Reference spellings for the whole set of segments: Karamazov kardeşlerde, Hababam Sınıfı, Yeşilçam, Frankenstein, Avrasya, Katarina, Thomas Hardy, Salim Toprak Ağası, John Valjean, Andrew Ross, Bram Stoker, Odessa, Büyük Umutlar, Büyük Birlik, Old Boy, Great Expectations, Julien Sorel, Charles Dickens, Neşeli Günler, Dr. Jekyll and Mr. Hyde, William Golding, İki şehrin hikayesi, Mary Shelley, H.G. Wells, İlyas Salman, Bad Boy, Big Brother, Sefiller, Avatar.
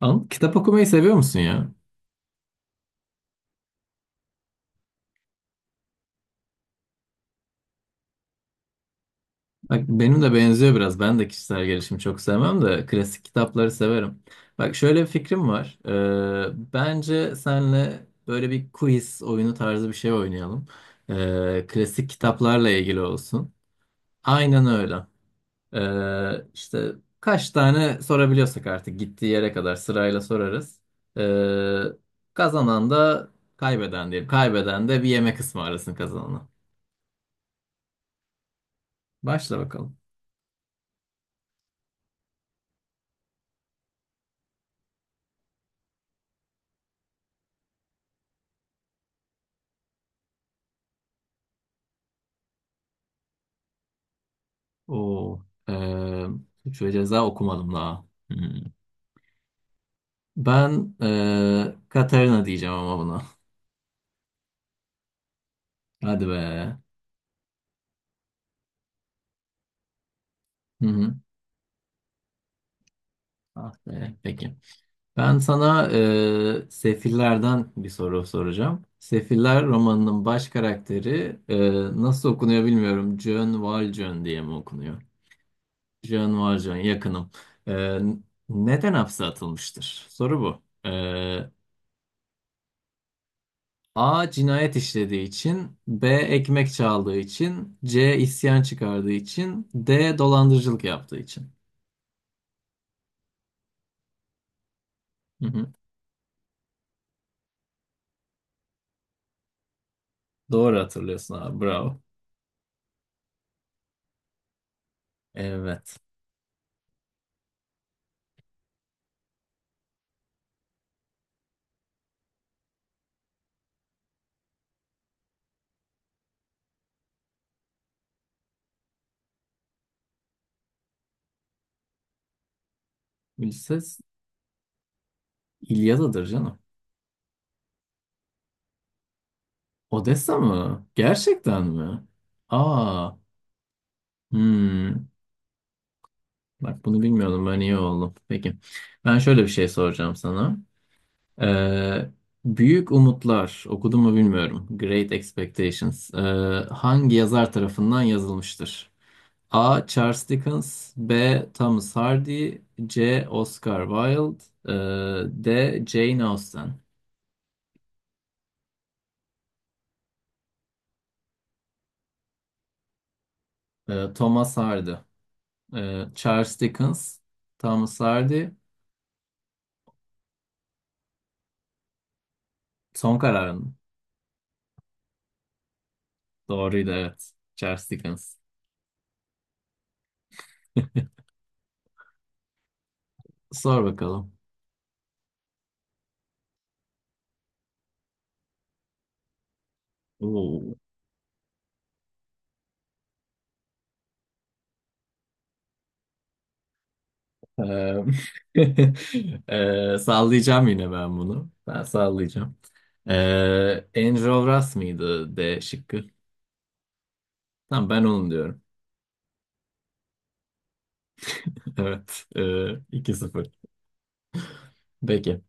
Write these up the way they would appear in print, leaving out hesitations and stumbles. Anıl, kitap okumayı seviyor musun ya? Bak benim de benziyor biraz. Ben de kişisel gelişimi çok sevmem de klasik kitapları severim. Bak şöyle bir fikrim var. Bence senle böyle bir quiz oyunu tarzı bir şey oynayalım. Klasik kitaplarla ilgili olsun. Aynen öyle. İşte kaç tane sorabiliyorsak artık gittiği yere kadar sırayla sorarız. Kazanan da kaybeden diyelim. Kaybeden de bir yemek ısmarlasın kazanana. Başla bakalım. O, eee Suç ve Ceza okumadım daha. Hmm. Ben Katarina diyeceğim ama buna. Hadi be. Hı hı. Ah be. Peki. Ben sana, Sefiller'den bir soru soracağım. Sefiller romanının baş karakteri, nasıl okunuyor bilmiyorum. John Valjean diye mi okunuyor? John Valjean yakınım. Eee, neden hapse atılmıştır? Soru bu. A, cinayet işlediği için; B, ekmek çaldığı için; C, isyan çıkardığı için; D, dolandırıcılık yaptığı için. Hı hı. Doğru hatırlıyorsun abi. Bravo. Evet. Ulises İlyada'dır canım. Odessa mı? Gerçekten mi? Aa. Hmm. Bak bunu bilmiyordum. Ben iyi oldum. Peki. Ben şöyle bir şey soracağım sana. Ee, Büyük Umutlar okudun mu bilmiyorum. Great Expectations. Hangi yazar tarafından yazılmıştır? A. Charles Dickens, B. Thomas Hardy, C. Oscar Wilde, D. Jane Austen. Thomas Hardy. Charles Dickens. Thomas Hardy. Son kararın doğruydu, evet, Charles Dickens. Sor bakalım. Oo. E, sallayacağım, yine ben bunu ben sallayacağım. e, Andrew Ross mıydı D şıkkı? Tamam, ben onu diyorum. Evet, 2-0. Peki.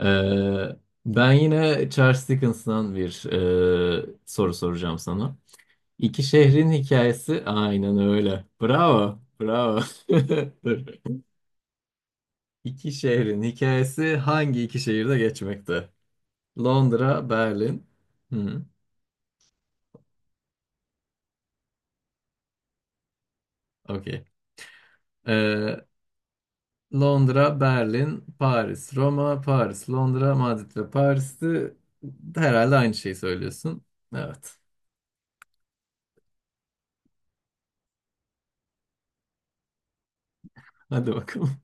Ee, ben yine Charles Dickens'dan bir, soru soracağım sana. İki şehrin hikayesi, aynen öyle. Bravo, bravo. Dur. İki şehrin hikayesi hangi iki şehirde geçmekte? Londra, Berlin. Hı, okey. Ee, Londra, Berlin, Paris, Roma, Paris, Londra, Madrid ve Paris'ti. Herhalde aynı şeyi söylüyorsun. Evet. Hadi bakalım.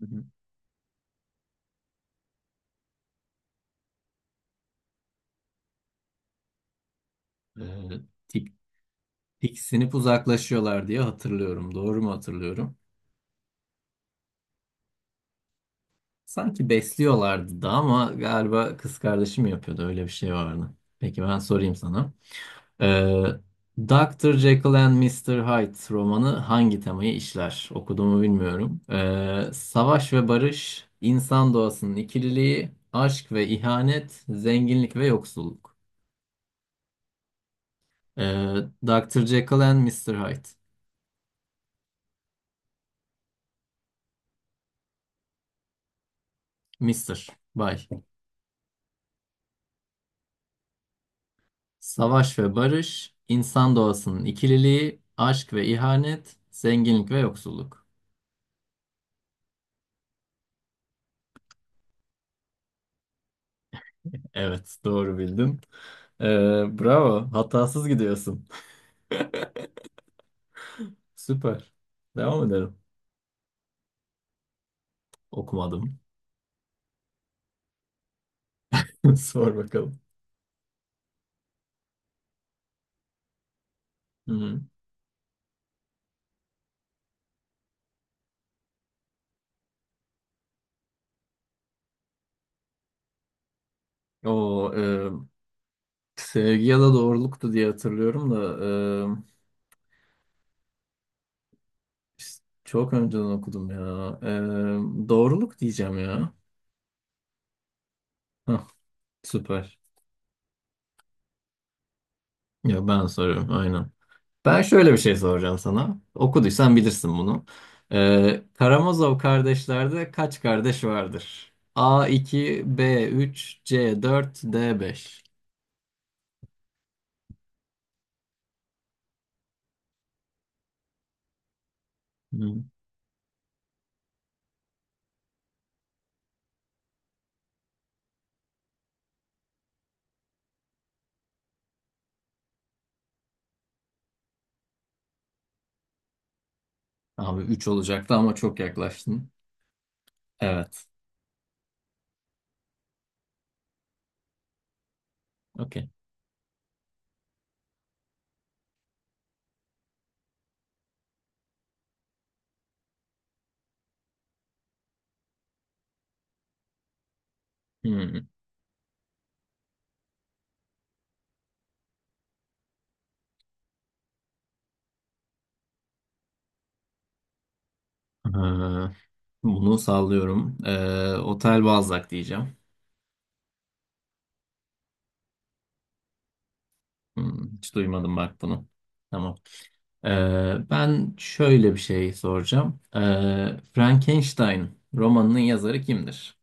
Hı hı. Ee, tik, tiksinip uzaklaşıyorlar diye hatırlıyorum. Doğru mu hatırlıyorum? Sanki besliyorlardı da, ama galiba kız kardeşim yapıyordu. Öyle bir şey vardı. Peki, ben sorayım sana. Ee, Dr. Jekyll and Mr. Hyde romanı hangi temayı işler? Okuduğumu bilmiyorum. Savaş ve barış, insan doğasının ikililiği, aşk ve ihanet, zenginlik ve yoksulluk. Ee, Dr. Jekyll and Mr. Hyde. Mr. Bay. Savaş ve barış, insan doğasının ikililiği, aşk ve ihanet, zenginlik ve yoksulluk. Evet, doğru bildim. Bravo, hatasız gidiyorsun. Süper. Devam edelim. Okumadım. Sor bakalım. Hı-hı. O, sevgi ya da doğruluktu diye hatırlıyorum da, e, çok önceden okudum ya. Doğruluk diyeceğim ya. Hah, süper. Ya ben soruyorum, aynen. Ben şöyle bir şey soracağım sana. Okuduysan bilirsin bunu. Karamazov kardeşlerde kaç kardeş vardır? A, iki; B, üç; C, dört; D, beş. Hı. Abi üç olacaktı, ama çok yaklaştın. Evet. Okey. Hmm. Ee, bunu sallıyorum. Otel Balzac diyeceğim. Hmm, hiç duymadım bak bunu. Tamam. Ben şöyle bir şey soracağım. Frankenstein romanının yazarı kimdir?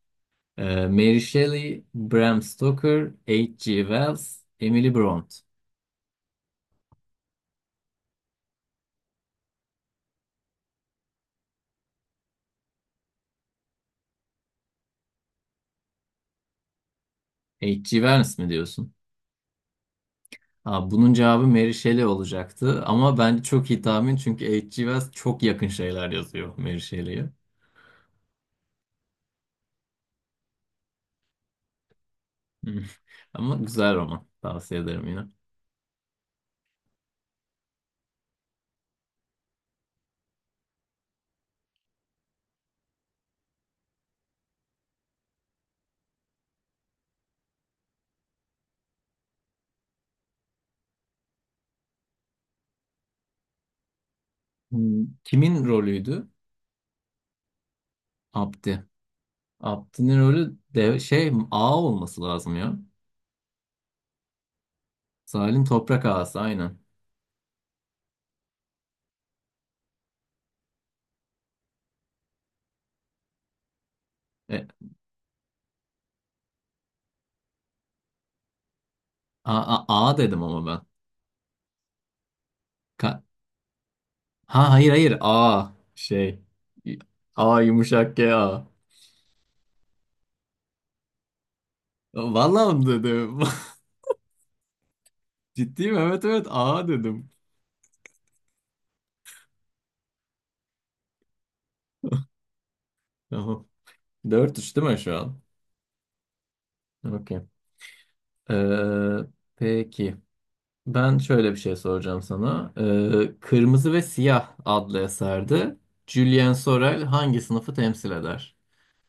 Mary Shelley, Bram Stoker, H.G. Wells, Emily Bront. H.G. Wells mi diyorsun? Aa, bunun cevabı Mary Shelley olacaktı, ama bence çok iyi tahmin, çünkü H.G. Wells çok yakın şeyler yazıyor Mary Shelley'e. Hmm. Ama güzel roman. Tavsiye ederim yine. Hmm, kimin rolüydü? Abdi. Abdi'nin rolü de şey, A olması lazım ya. Salim Toprak Ağası, aynen. E, A, A, A dedim ama ben. Ka- ha, hayır hayır, A şey. A yumuşak G A. Vallahi onu dedim. Ciddiyim, evet, evet, A dedim. Tamam. 4-3 değil mi şu an? Okey. Ee, peki. Ben şöyle bir şey soracağım sana. Kırmızı ve Siyah adlı eserde Julien Sorel hangi sınıfı temsil eder?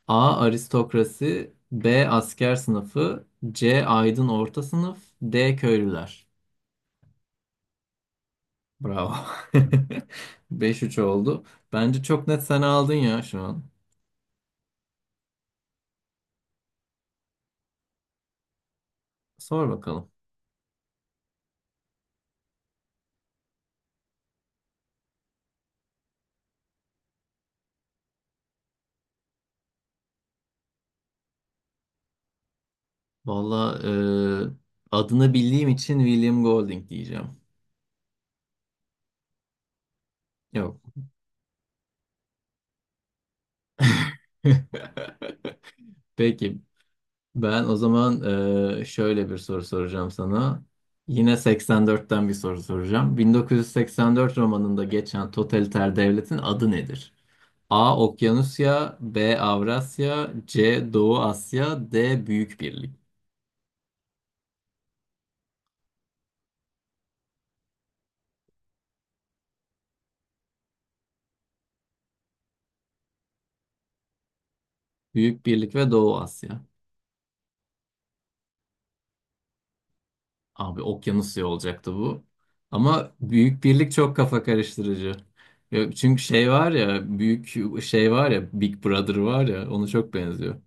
A. Aristokrasi, B. Asker sınıfı, C. Aydın orta sınıf, D. Köylüler. Bravo. Beş üç oldu. Bence çok net sen aldın ya şu an. Sor bakalım. Valla, adını bildiğim için William Golding diyeceğim. Yok. Peki. Ben o zaman, şöyle bir soru soracağım sana. Yine 84'ten bir soru soracağım. 1984 romanında geçen totaliter devletin adı nedir? A. Okyanusya, B. Avrasya, C. Doğu Asya, D. Büyük Birlik. Büyük Birlik ve Doğu Asya. Abi Okyanusya olacaktı bu. Ama Büyük Birlik çok kafa karıştırıcı. Ya, çünkü şey var ya, büyük şey var ya, Big Brother var ya, onu çok benziyor.